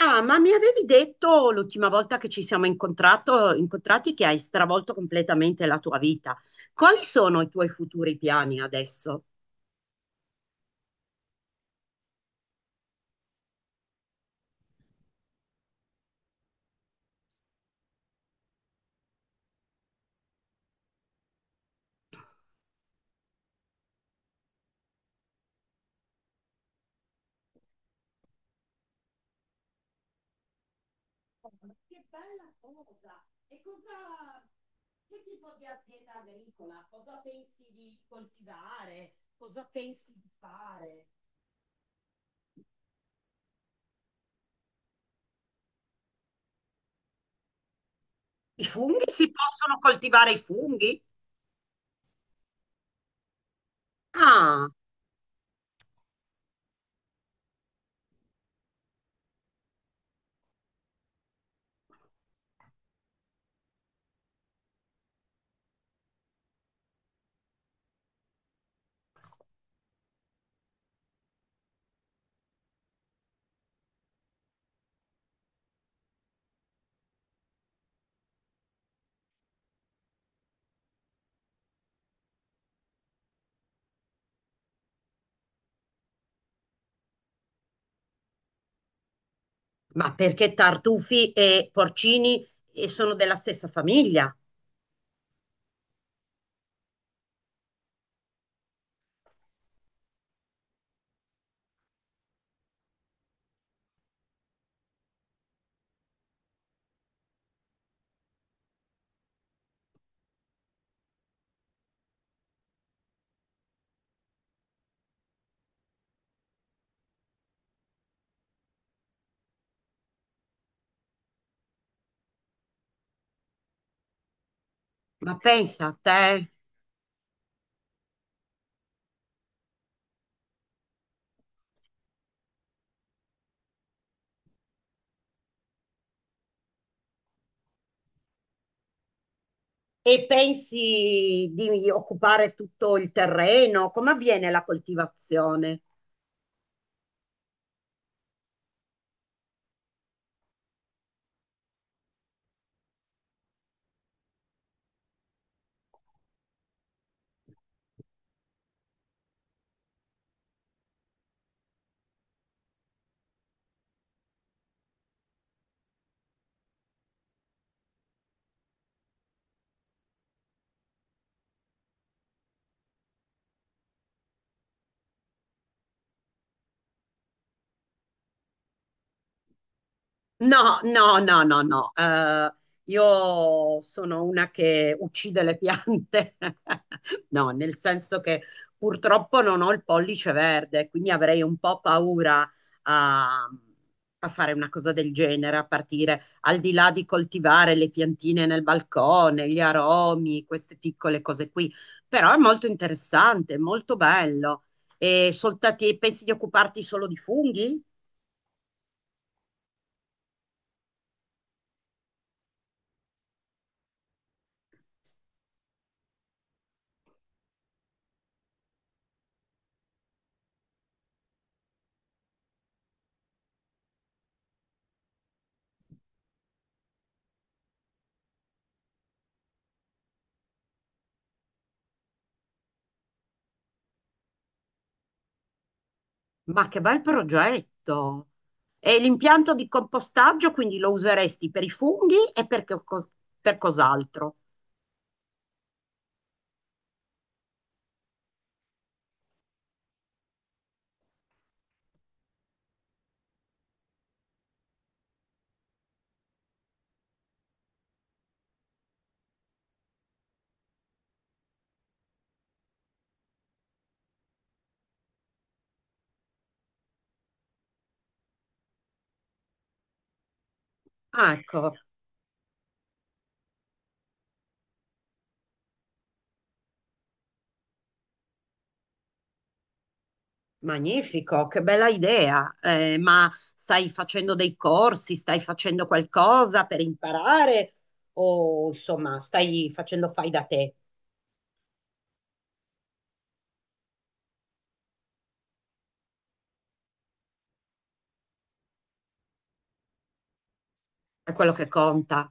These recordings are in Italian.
Ah, ma mi avevi detto l'ultima volta che ci siamo incontrati che hai stravolto completamente la tua vita. Quali sono i tuoi futuri piani adesso? Oh, ma che bella cosa! E che tipo di azienda agricola? Cosa pensi di coltivare? Cosa pensi di fare? I funghi? Si possono coltivare i funghi? Ah, ma perché tartufi e porcini sono della stessa famiglia? Ma pensa a te. E pensi di occupare tutto il terreno? Come avviene la coltivazione? No, no, no, no, no. Io sono una che uccide le piante. No, nel senso che purtroppo non ho il pollice verde, quindi avrei un po' paura a, a fare una cosa del genere, a partire al di là di coltivare le piantine nel balcone, gli aromi, queste piccole cose qui. Però è molto interessante, molto bello. E soltati, pensi di occuparti solo di funghi? Ma che bel progetto! E l'impianto di compostaggio quindi lo useresti per i funghi e per cos'altro? Ah, ecco, magnifico, che bella idea. Ma stai facendo dei corsi, stai facendo qualcosa per imparare o insomma stai facendo fai da te? È quello che conta.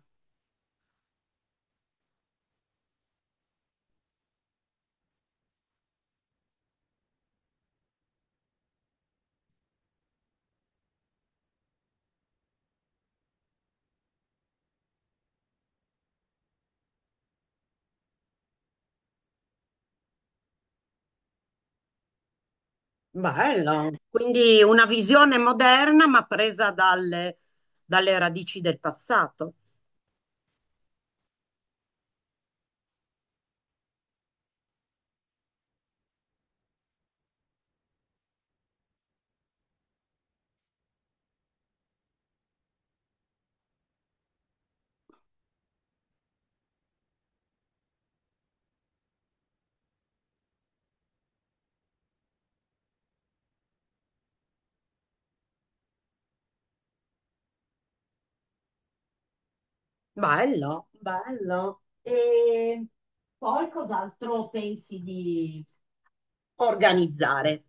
Bello. Quindi una visione moderna ma presa dalle radici del passato. Bello, bello. E poi cos'altro pensi di... organizzare.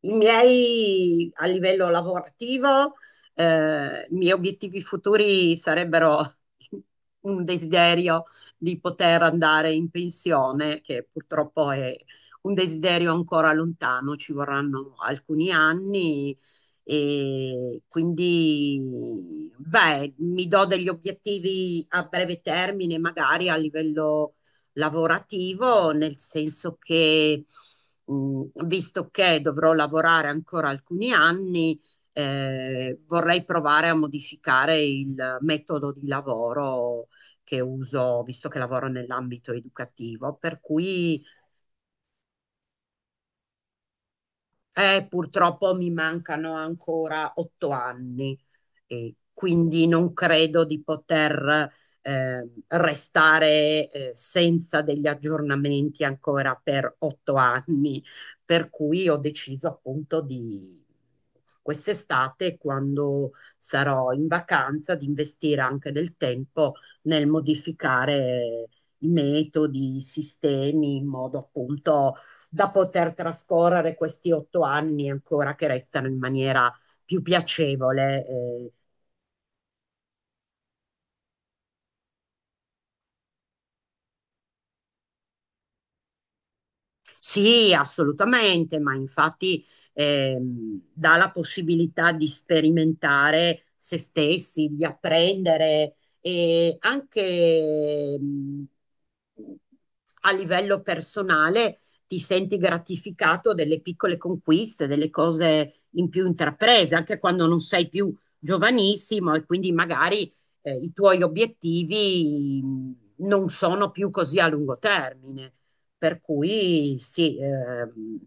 I miei a livello lavorativo, i miei obiettivi futuri sarebbero un desiderio di poter andare in pensione, che purtroppo è un desiderio ancora lontano, ci vorranno alcuni anni e quindi, beh, mi do degli obiettivi a breve termine, magari a livello lavorativo, nel senso che visto che dovrò lavorare ancora alcuni anni, vorrei provare a modificare il metodo di lavoro che uso, visto che lavoro nell'ambito educativo, per cui purtroppo mi mancano ancora otto anni. E quindi non credo di poter restare senza degli aggiornamenti ancora per otto anni, per cui ho deciso appunto di quest'estate, quando sarò in vacanza, di investire anche del tempo nel modificare i metodi, i sistemi, in modo appunto da poter trascorrere questi otto anni ancora che restano in maniera più piacevole, eh. Sì, assolutamente, ma infatti dà la possibilità di sperimentare se stessi, di apprendere e anche a livello personale ti senti gratificato delle piccole conquiste, delle cose in più intraprese, anche quando non sei più giovanissimo e quindi magari i tuoi obiettivi non sono più così a lungo termine. Per cui sì,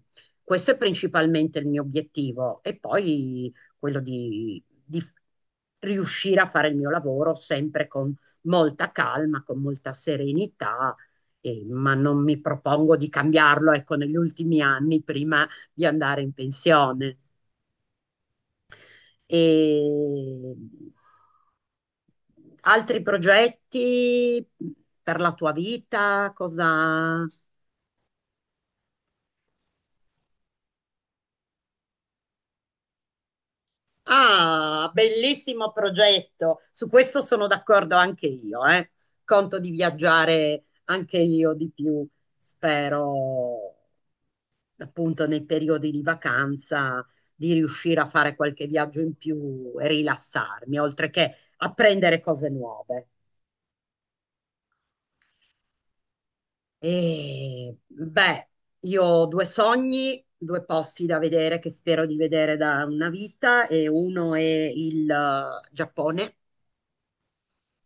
questo è principalmente il mio obiettivo e poi quello di riuscire a fare il mio lavoro sempre con molta calma, con molta serenità, ma non mi propongo di cambiarlo, ecco, negli ultimi anni prima di andare in pensione. E altri progetti per la tua vita? Cosa... Ah, bellissimo progetto. Su questo sono d'accordo anche io, eh. Conto di viaggiare anche io di più, spero, appunto, nei periodi di vacanza di riuscire a fare qualche viaggio in più e rilassarmi, oltre che apprendere cose nuove. E beh, io ho due sogni, due posti da vedere che spero di vedere da una vita e uno è il Giappone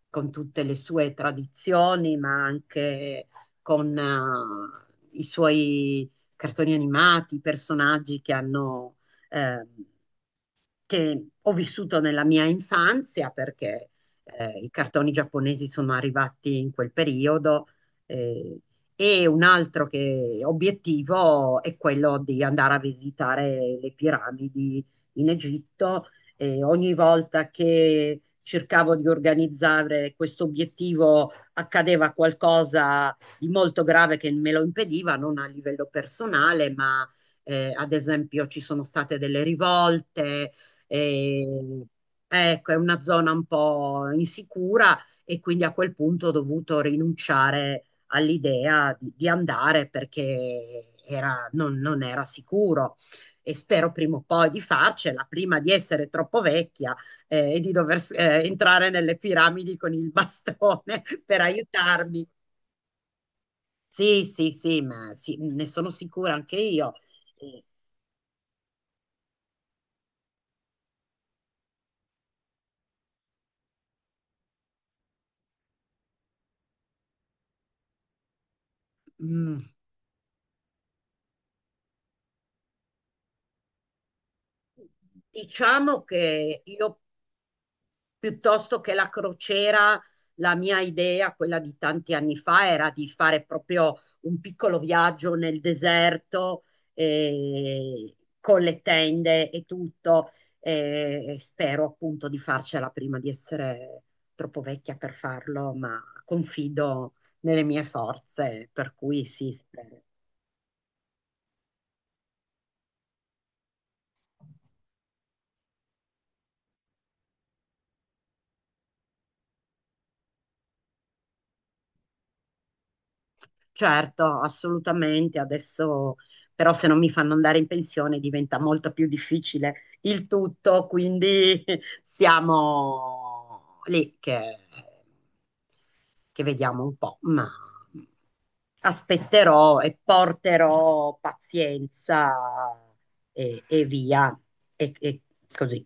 con tutte le sue tradizioni, ma anche con i suoi cartoni animati, personaggi che hanno ehm, che ho vissuto nella mia infanzia perché i cartoni giapponesi sono arrivati in quel periodo eh, e un obiettivo è quello di andare a visitare le piramidi in Egitto e ogni volta che cercavo di organizzare questo obiettivo accadeva qualcosa di molto grave che me lo impediva, non a livello personale, ma ad esempio ci sono state delle rivolte, e, ecco, è una zona un po' insicura e quindi a quel punto ho dovuto rinunciare all'idea di andare perché non, non era sicuro. E spero prima o poi di farcela, prima di essere troppo vecchia e di dover entrare nelle piramidi con il bastone per aiutarmi. Sì, sì, sì, ma sì, ne sono sicura anche io. Eh, mm. Diciamo che io piuttosto che la crociera, la mia idea, quella di tanti anni fa, era di fare proprio un piccolo viaggio nel deserto eh, con le tende e tutto. Eh, e spero appunto di farcela prima di essere troppo vecchia per farlo, ma confido nelle mie forze, per cui sì, spero. Certo, assolutamente. Adesso però se non mi fanno andare in pensione diventa molto più difficile il tutto, quindi siamo lì che vediamo un po', ma aspetterò e porterò pazienza e via, e così.